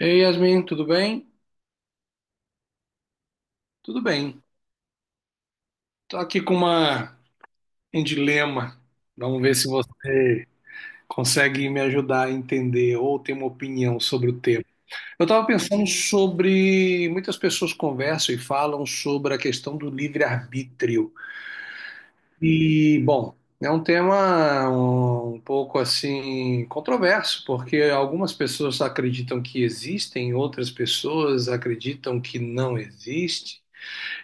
Ei, Yasmin, tudo bem? Tudo bem. Tô aqui com uma, um dilema. Vamos ver se você consegue me ajudar a entender ou ter uma opinião sobre o tema. Eu estava pensando sobre. Muitas pessoas conversam e falam sobre a questão do livre-arbítrio. E, bom, é um tema um pouco assim controverso, porque algumas pessoas acreditam que existem, outras pessoas acreditam que não existe.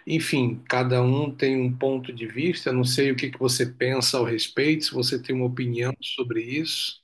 Enfim, cada um tem um ponto de vista. Não sei o que que você pensa ao respeito, se você tem uma opinião sobre isso.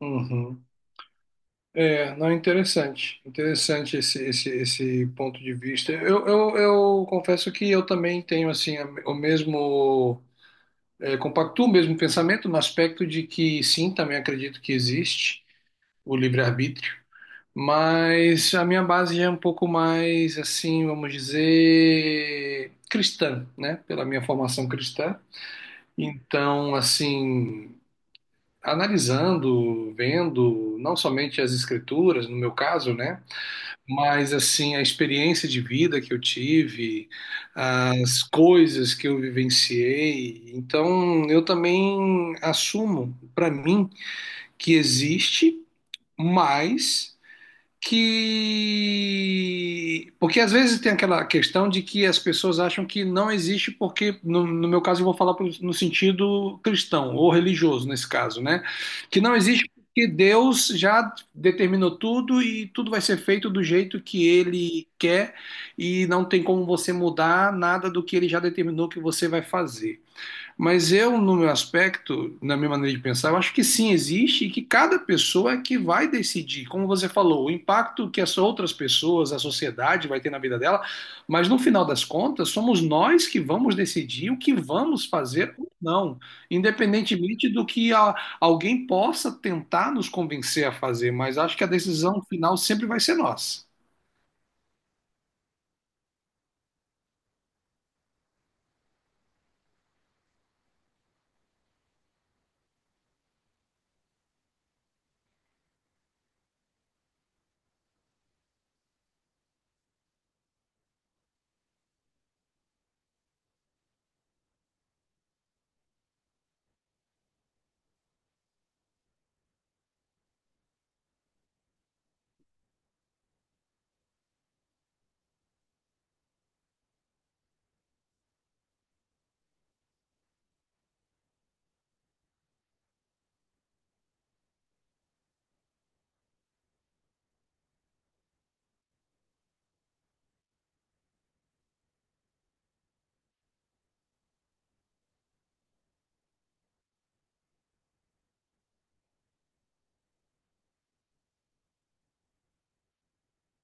Uhum. É, não, interessante. Interessante esse ponto de vista. Eu confesso que eu também tenho assim o mesmo, é, compactuo o mesmo pensamento no aspecto de que sim, também acredito que existe o livre-arbítrio. Mas a minha base é um pouco mais, assim, vamos dizer, cristã, né? Pela minha formação cristã. Então, assim, analisando, vendo, não somente as escrituras, no meu caso, né? Mas, assim, a experiência de vida que eu tive, as coisas que eu vivenciei. Então, eu também assumo para mim que existe, mas que. Porque às vezes tem aquela questão de que as pessoas acham que não existe, porque, no meu caso, eu vou falar no sentido cristão ou religioso, nesse caso, né? Que não existe porque Deus já determinou tudo e tudo vai ser feito do jeito que ele quer e não tem como você mudar nada do que ele já determinou que você vai fazer. Mas eu, no meu aspecto, na minha maneira de pensar, eu acho que sim existe e que cada pessoa é que vai decidir, como você falou, o impacto que as outras pessoas, a sociedade vai ter na vida dela, mas no final das contas, somos nós que vamos decidir o que vamos fazer ou não, independentemente do que alguém possa tentar nos convencer a fazer, mas acho que a decisão final sempre vai ser nossa.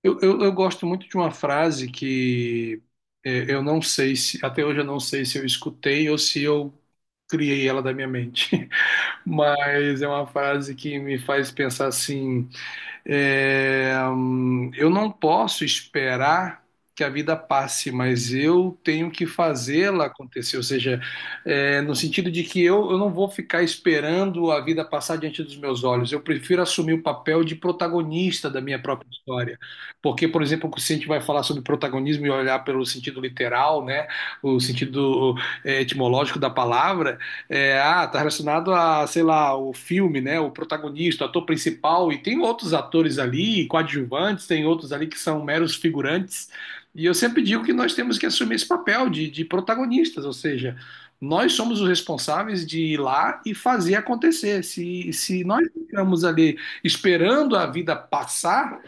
Eu gosto muito de uma frase que é, eu não sei se, até hoje eu não sei se eu escutei ou se eu criei ela da minha mente, mas é uma frase que me faz pensar assim. É, eu não posso esperar que a vida passe, mas eu tenho que fazê-la acontecer. Ou seja, é, no sentido de que eu não vou ficar esperando a vida passar diante dos meus olhos. Eu prefiro assumir o papel de protagonista da minha própria história. Porque, por exemplo, se a gente vai falar sobre protagonismo e olhar pelo sentido literal, né, o sentido é, etimológico da palavra, é, ah, tá relacionado a, sei lá, o filme, né? O protagonista, o ator principal, e tem outros atores ali, coadjuvantes, tem outros ali que são meros figurantes. E eu sempre digo que nós temos que assumir esse papel de protagonistas, ou seja, nós somos os responsáveis de ir lá e fazer acontecer. Se nós ficamos ali esperando a vida passar,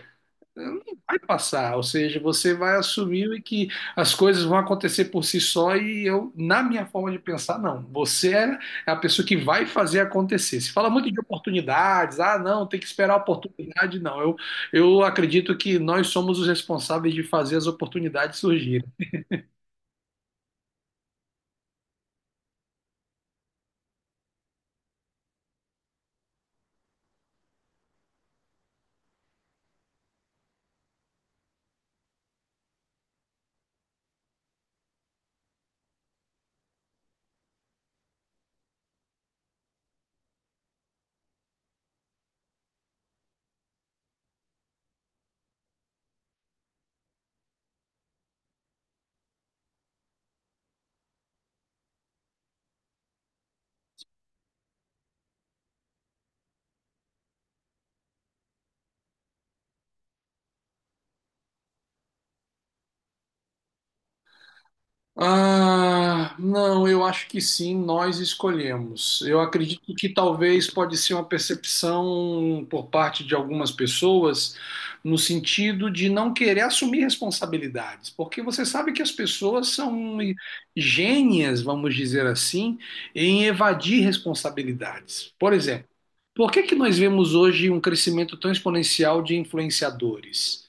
não vai passar, ou seja, você vai assumir que as coisas vão acontecer por si só e eu, na minha forma de pensar, não. Você é é a pessoa que vai fazer acontecer. Se fala muito de oportunidades, ah, não, tem que esperar a oportunidade, não. Eu acredito que nós somos os responsáveis de fazer as oportunidades surgirem. Ah, não, eu acho que sim, nós escolhemos. Eu acredito que talvez pode ser uma percepção por parte de algumas pessoas no sentido de não querer assumir responsabilidades, porque você sabe que as pessoas são gênias, vamos dizer assim, em evadir responsabilidades. Por exemplo, por que que nós vemos hoje um crescimento tão exponencial de influenciadores?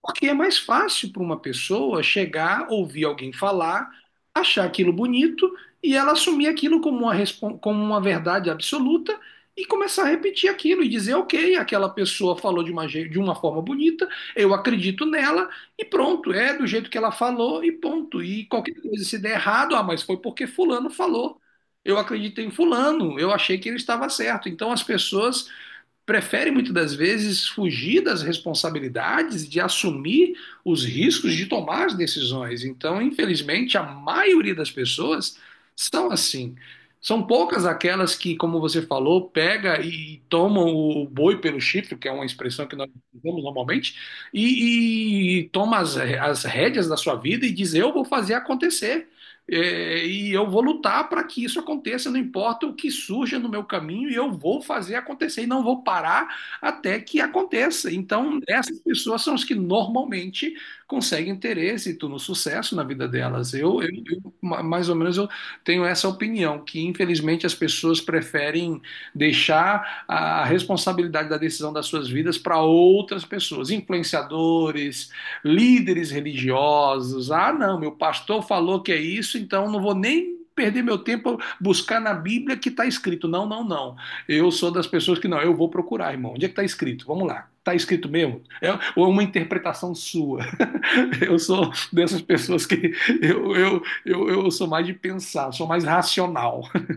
Porque é mais fácil para uma pessoa chegar, ouvir alguém falar, achar aquilo bonito e ela assumir aquilo como uma, como uma verdade absoluta e começar a repetir aquilo e dizer, ok, aquela pessoa falou de uma, de uma forma bonita, eu acredito nela e pronto, é do jeito que ela falou e ponto. E qualquer coisa, se der errado, ah, mas foi porque fulano falou. Eu acreditei em fulano, eu achei que ele estava certo. Então as pessoas prefere muitas das vezes fugir das responsabilidades, de assumir os riscos de tomar as decisões. Então, infelizmente, a maioria das pessoas são assim. São poucas aquelas que, como você falou, pega e tomam o boi pelo chifre, que é uma expressão que nós usamos normalmente, e toma as rédeas da sua vida e diz: Eu vou fazer acontecer. É, e eu vou lutar para que isso aconteça, não importa o que surja no meu caminho, e eu vou fazer acontecer e não vou parar até que aconteça. Então, essas pessoas são as que normalmente conseguem ter êxito no sucesso na vida delas. Eu mais ou menos, eu tenho essa opinião, que infelizmente as pessoas preferem deixar a responsabilidade da decisão das suas vidas para outras pessoas, influenciadores líderes religiosos. Ah, não, meu pastor falou que é isso, então não vou nem perder meu tempo buscar na Bíblia que está escrito. Não, não, não. Eu sou das pessoas que não, eu vou procurar, irmão. Onde é que está escrito? Vamos lá. Está escrito mesmo? É, ou é uma interpretação sua? Eu sou dessas pessoas que eu sou mais de pensar, sou mais racional.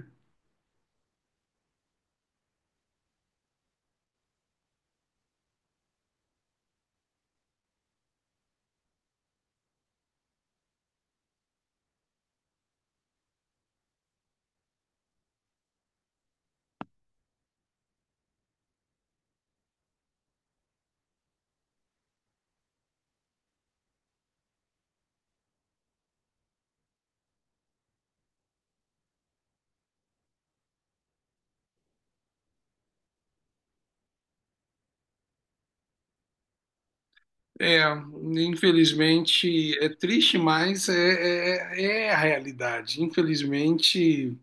É, infelizmente é triste, mas é, é a realidade. Infelizmente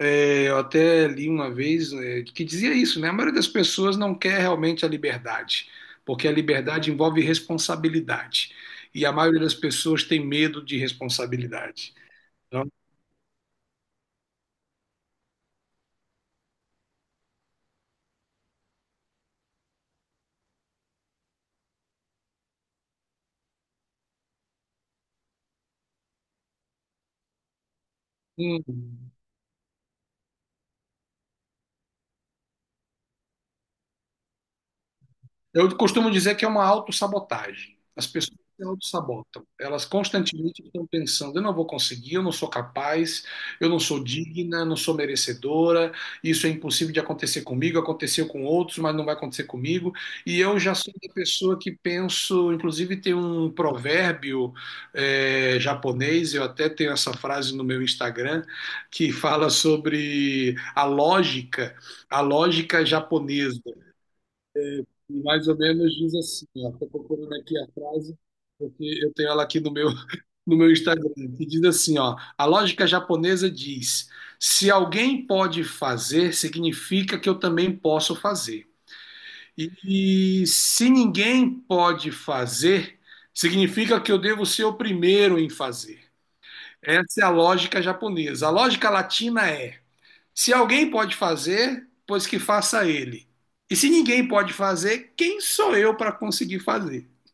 É, eu até li uma vez, é, que dizia isso, né? A maioria das pessoas não quer realmente a liberdade, porque a liberdade envolve responsabilidade. E a maioria das pessoas tem medo de responsabilidade. Então, hum, eu costumo dizer que é uma autossabotagem. As pessoas se autossabotam. Elas constantemente estão pensando: eu não vou conseguir, eu não sou capaz, eu não sou digna, eu não sou merecedora, isso é impossível de acontecer comigo, aconteceu com outros, mas não vai acontecer comigo. E eu já sou uma pessoa que penso, inclusive tem um provérbio japonês, eu até tenho essa frase no meu Instagram, que fala sobre a lógica japonesa. E mais ou menos diz assim, ó, tô procurando aqui a frase, porque eu tenho ela aqui no meu, no meu Instagram, que diz assim, ó, a lógica japonesa diz, se alguém pode fazer, significa que eu também posso fazer. E, e se ninguém pode fazer, significa que eu devo ser o primeiro em fazer. Essa é a lógica japonesa. A lógica latina é se alguém pode fazer, pois que faça ele. E se ninguém pode fazer, quem sou eu para conseguir fazer?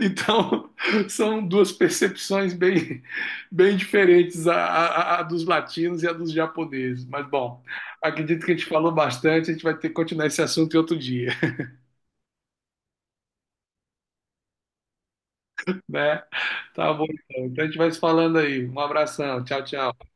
Então, são duas percepções bem, bem diferentes, a dos latinos e a dos japoneses. Mas, bom, acredito que a gente falou bastante, a gente vai ter que continuar esse assunto em outro dia, né? Tá bom, então. Então, a gente vai se falando aí. Um abração, tchau, tchau.